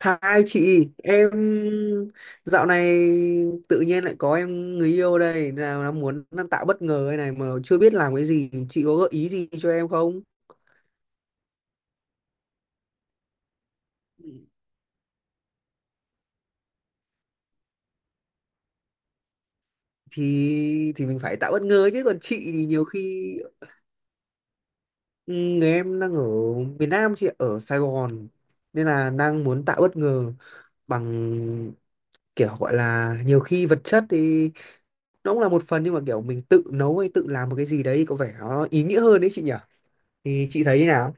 Hai chị, em dạo này tự nhiên lại có em người yêu đây, nào nó muốn đang tạo bất ngờ đây này mà chưa biết làm cái gì, chị có gợi ý gì cho em không? Thì mình phải tạo bất ngờ chứ còn chị thì nhiều khi ừ, người em đang ở miền Nam, chị ở Sài Gòn nên là đang muốn tạo bất ngờ bằng kiểu gọi là nhiều khi vật chất thì nó cũng là một phần, nhưng mà kiểu mình tự nấu hay tự làm một cái gì đấy có vẻ nó ý nghĩa hơn đấy chị nhỉ? Thì chị thấy thế nào?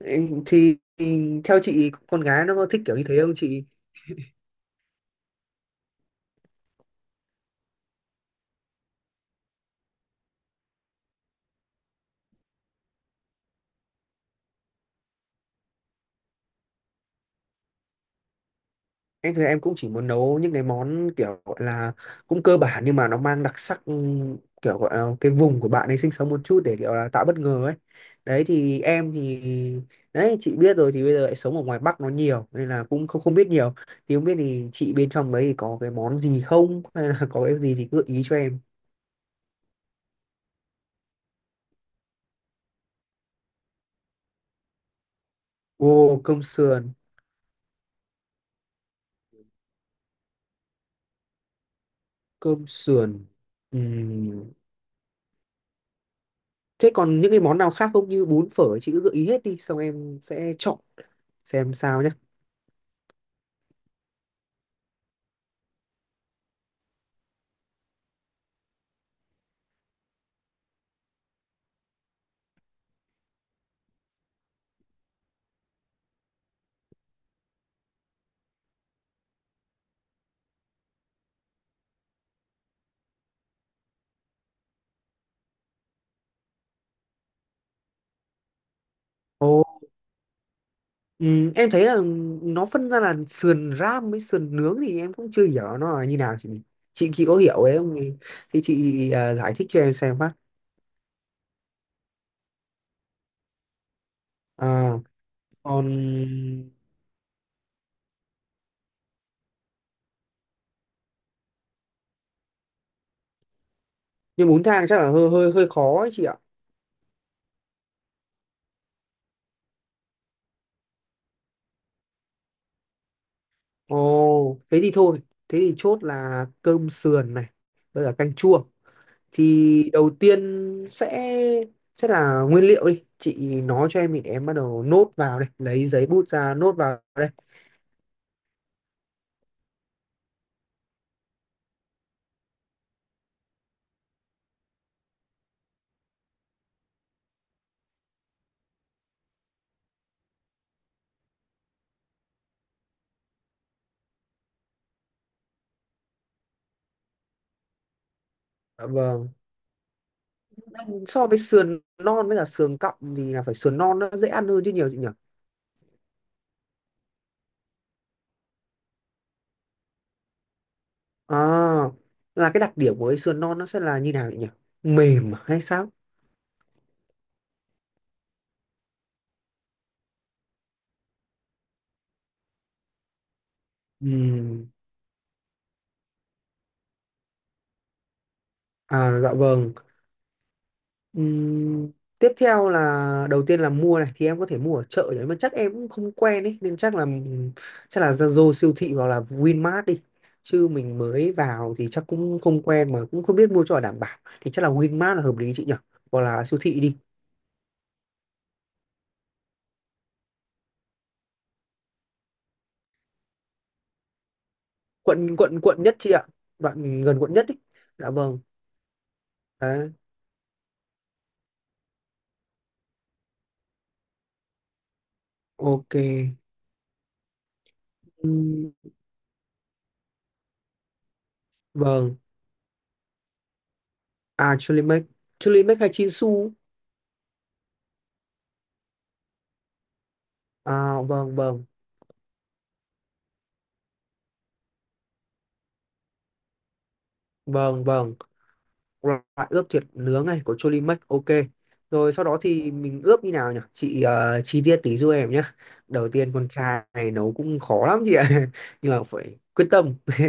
Ê, thì theo chị con gái nó có thích kiểu như thế không chị? Em thì em cũng chỉ muốn nấu những cái món kiểu gọi là cũng cơ bản nhưng mà nó mang đặc sắc kiểu gọi là cái vùng của bạn ấy sinh sống một chút để kiểu là tạo bất ngờ ấy. Đấy thì em thì đấy, chị biết rồi thì bây giờ lại sống ở ngoài Bắc nó nhiều nên là cũng không không biết nhiều. Thì không biết thì chị bên trong đấy thì có cái món gì không hay là có cái gì thì cứ gợi ý cho em. Ô, cơm sườn. Cơm sườn. Ừm. Thế còn những cái món nào khác không, như bún phở chị cứ gợi ý hết đi xong em sẽ chọn xem sao nhé. Ồ, em thấy là nó phân ra là sườn ram với sườn nướng thì em cũng chưa hiểu nó là như nào chị, chị có hiểu ấy không thì, thì chị giải thích cho em xem phát. À, còn nhưng bún thang chắc là hơi hơi hơi khó ấy chị ạ. Ồ, thế thì thôi, thế thì chốt là cơm sườn này, với cả canh chua. Thì đầu tiên sẽ sẽ là nguyên liệu đi, chị nói cho em thì em bắt đầu nốt vào đây, lấy giấy bút ra nốt vào đây. Dạ vâng, so với sườn non với cả sườn cọng thì là phải sườn non nó dễ ăn hơn chứ nhiều chị nhỉ? À, là cái đặc điểm của cái sườn non nó sẽ là như nào chị nhỉ, mềm à hay sao? Ừm, à dạ vâng. Ừm, tiếp theo là đầu tiên là mua này thì em có thể mua ở chợ đấy mà chắc em cũng không quen ấy nên chắc là Zalo siêu thị hoặc là Winmart đi, chứ mình mới vào thì chắc cũng không quen mà cũng không biết mua cho đảm bảo thì chắc là Winmart là hợp lý chị nhỉ, hoặc là siêu thị đi. Quận quận quận nhất chị ạ, đoạn gần quận nhất ý. Dạ vâng. Đấy. Ok. Ừm, vâng. À, Chulimek. Chulimek hay Chinsu? À, vâng vâng. Vâng vâng. Loại ướp thịt nướng này của Cholimax, ok. Rồi sau đó thì mình ướp như nào nhỉ chị, ờ, chi tiết tí giúp em nhé. Đầu tiên con trai này nấu cũng khó lắm chị ạ nhưng mà phải quyết tâm.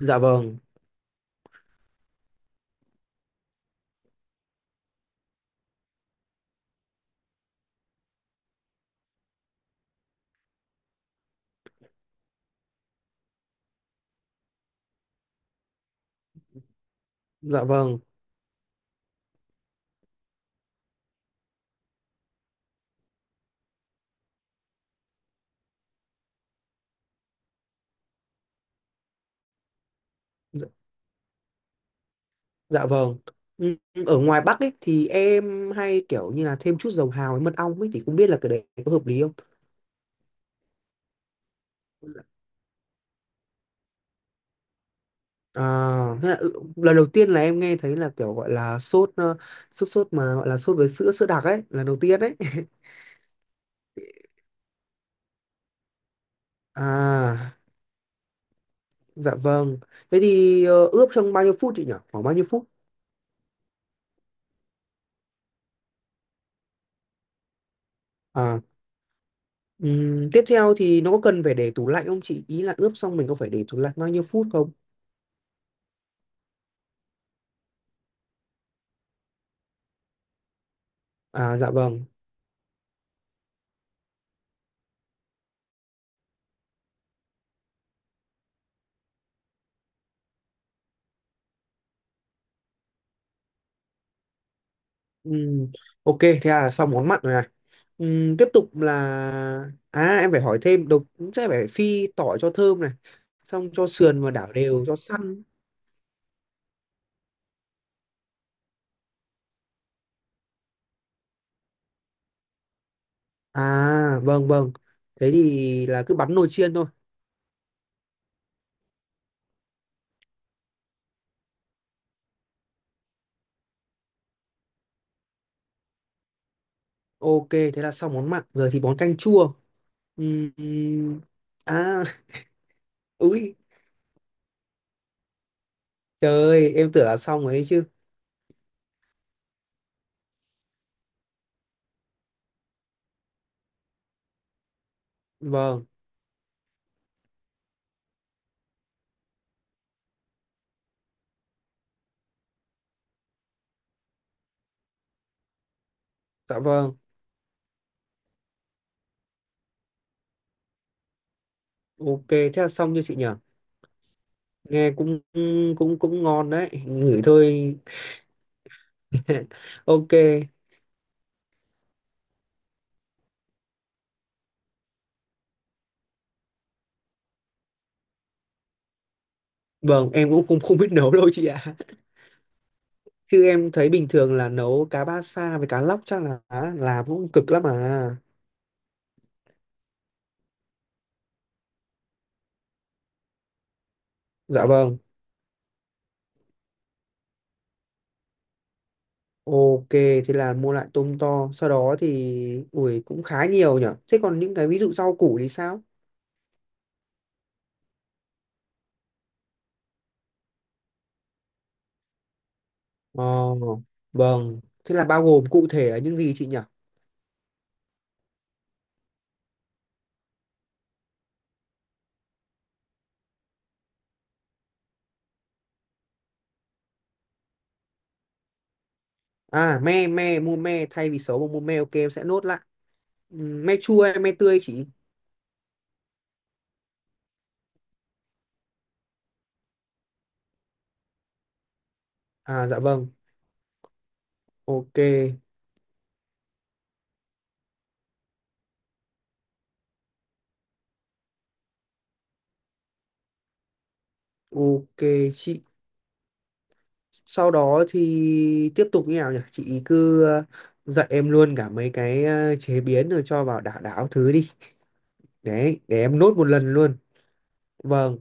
Dạ vâng. Dạ vâng. Dạ, dạ vâng. Ừ, ở ngoài Bắc ấy thì em hay kiểu như là thêm chút dầu hào với mật ong ấy thì không biết là cái đấy có hợp lý không? À, thế là, ừ, lần đầu tiên là em nghe thấy là kiểu gọi là sốt sốt sốt mà gọi là sốt với sữa sữa đặc ấy, lần đầu tiên đấy. À. Dạ vâng. Thế thì ờ, ướp trong bao nhiêu phút chị nhỉ? Khoảng bao nhiêu phút? À, tiếp theo thì nó có cần phải để tủ lạnh không chị? Ý là ướp xong mình có phải để tủ lạnh bao nhiêu phút không? À, dạ vâng. Ừm, ok, thế là xong món mặn rồi này. Tiếp tục là... À, em phải hỏi thêm. Đầu cũng sẽ phải phi tỏi cho thơm này. Xong cho sườn và đảo đều, cho săn. À, vâng, vâng. Thế thì là cứ bắn nồi chiên thôi. Ok, thế là xong món mặn. Giờ thì món canh chua. Ừm, ừm. À, úi, trời ơi, em tưởng là xong rồi ấy chứ. Vâng, dạ vâng. Ok, thế là xong như chị nhở? Nghe cũng cũng cũng ngon đấy, ngửi thôi. Ok. Vâng, em cũng không không biết nấu đâu chị ạ. Chứ em thấy bình thường là nấu cá ba sa với cá lóc chắc là làm cũng cực lắm à. Dạ vâng. Ok, thế là mua lại tôm to, sau đó thì ui cũng khá nhiều nhở. Thế còn những cái ví dụ rau củ thì sao? Ờ, vâng, thế là bao gồm cụ thể là những gì chị nhỉ? À, me, me, mua me, thay vì xấu mà mua me, ok, em sẽ nốt lại. Me chua hay me tươi chị? À, dạ vâng, ok, ok chị. Sau đó thì tiếp tục như nào nhỉ? Chị cứ ờ, dạy em luôn cả mấy cái ờ, chế biến rồi cho vào đảo đảo thứ đi. Đấy, để em nốt một lần luôn. Vâng.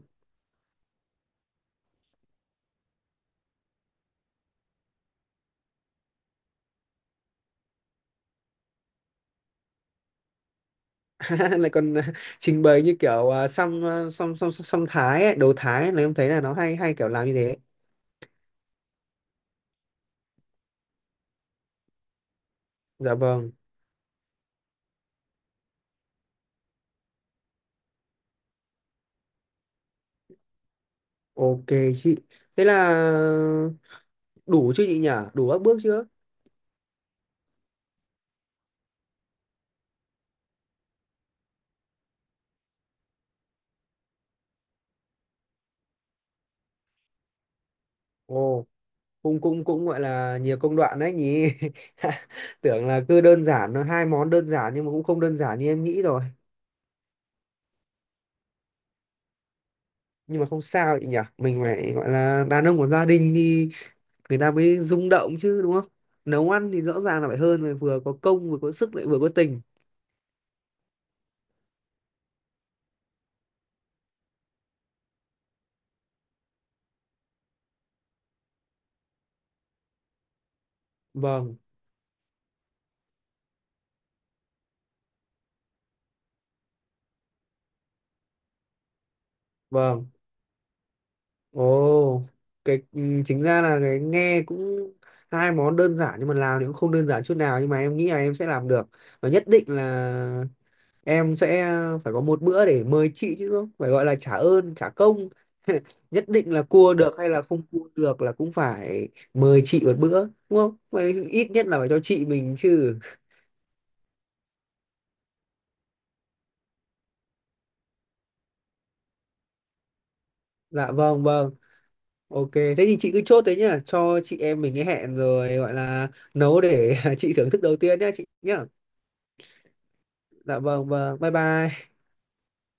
Lại còn ờ, trình bày như kiểu xăm, xăm Thái ấy, đồ Thái ấy, là em thấy là nó hay hay kiểu làm như thế. Dạ vâng, ok chị. Thế là đủ chứ chị nhỉ, đủ các bước chưa? Ồ, cũng cũng cũng gọi là nhiều công đoạn đấy nhỉ. Tưởng là cứ đơn giản nó hai món đơn giản nhưng mà cũng không đơn giản như em nghĩ rồi. Nhưng mà không sao chị nhỉ, mình phải gọi là đàn ông của gia đình thì người ta mới rung động chứ đúng không? Nấu ăn thì rõ ràng là phải hơn rồi, vừa có công vừa có sức lại vừa có tình. Vâng vâng. Ồ, cái ừ, chính ra là cái nghe cũng hai món đơn giản nhưng mà làm thì cũng không đơn giản chút nào, nhưng mà em nghĩ là em sẽ làm được. Và nhất định là em sẽ phải có một bữa để mời chị chứ không phải gọi là trả ơn trả công. Nhất định là cua được hay là không cua được là cũng phải mời chị một bữa, đúng không? Vậy ít nhất là phải cho chị mình chứ. Dạ vâng vâng. Ok, thế thì chị cứ chốt đấy nhá, cho chị em mình cái hẹn rồi gọi là nấu để chị thưởng thức đầu tiên nhá chị nhá. Dạ vâng vâng, bye bye.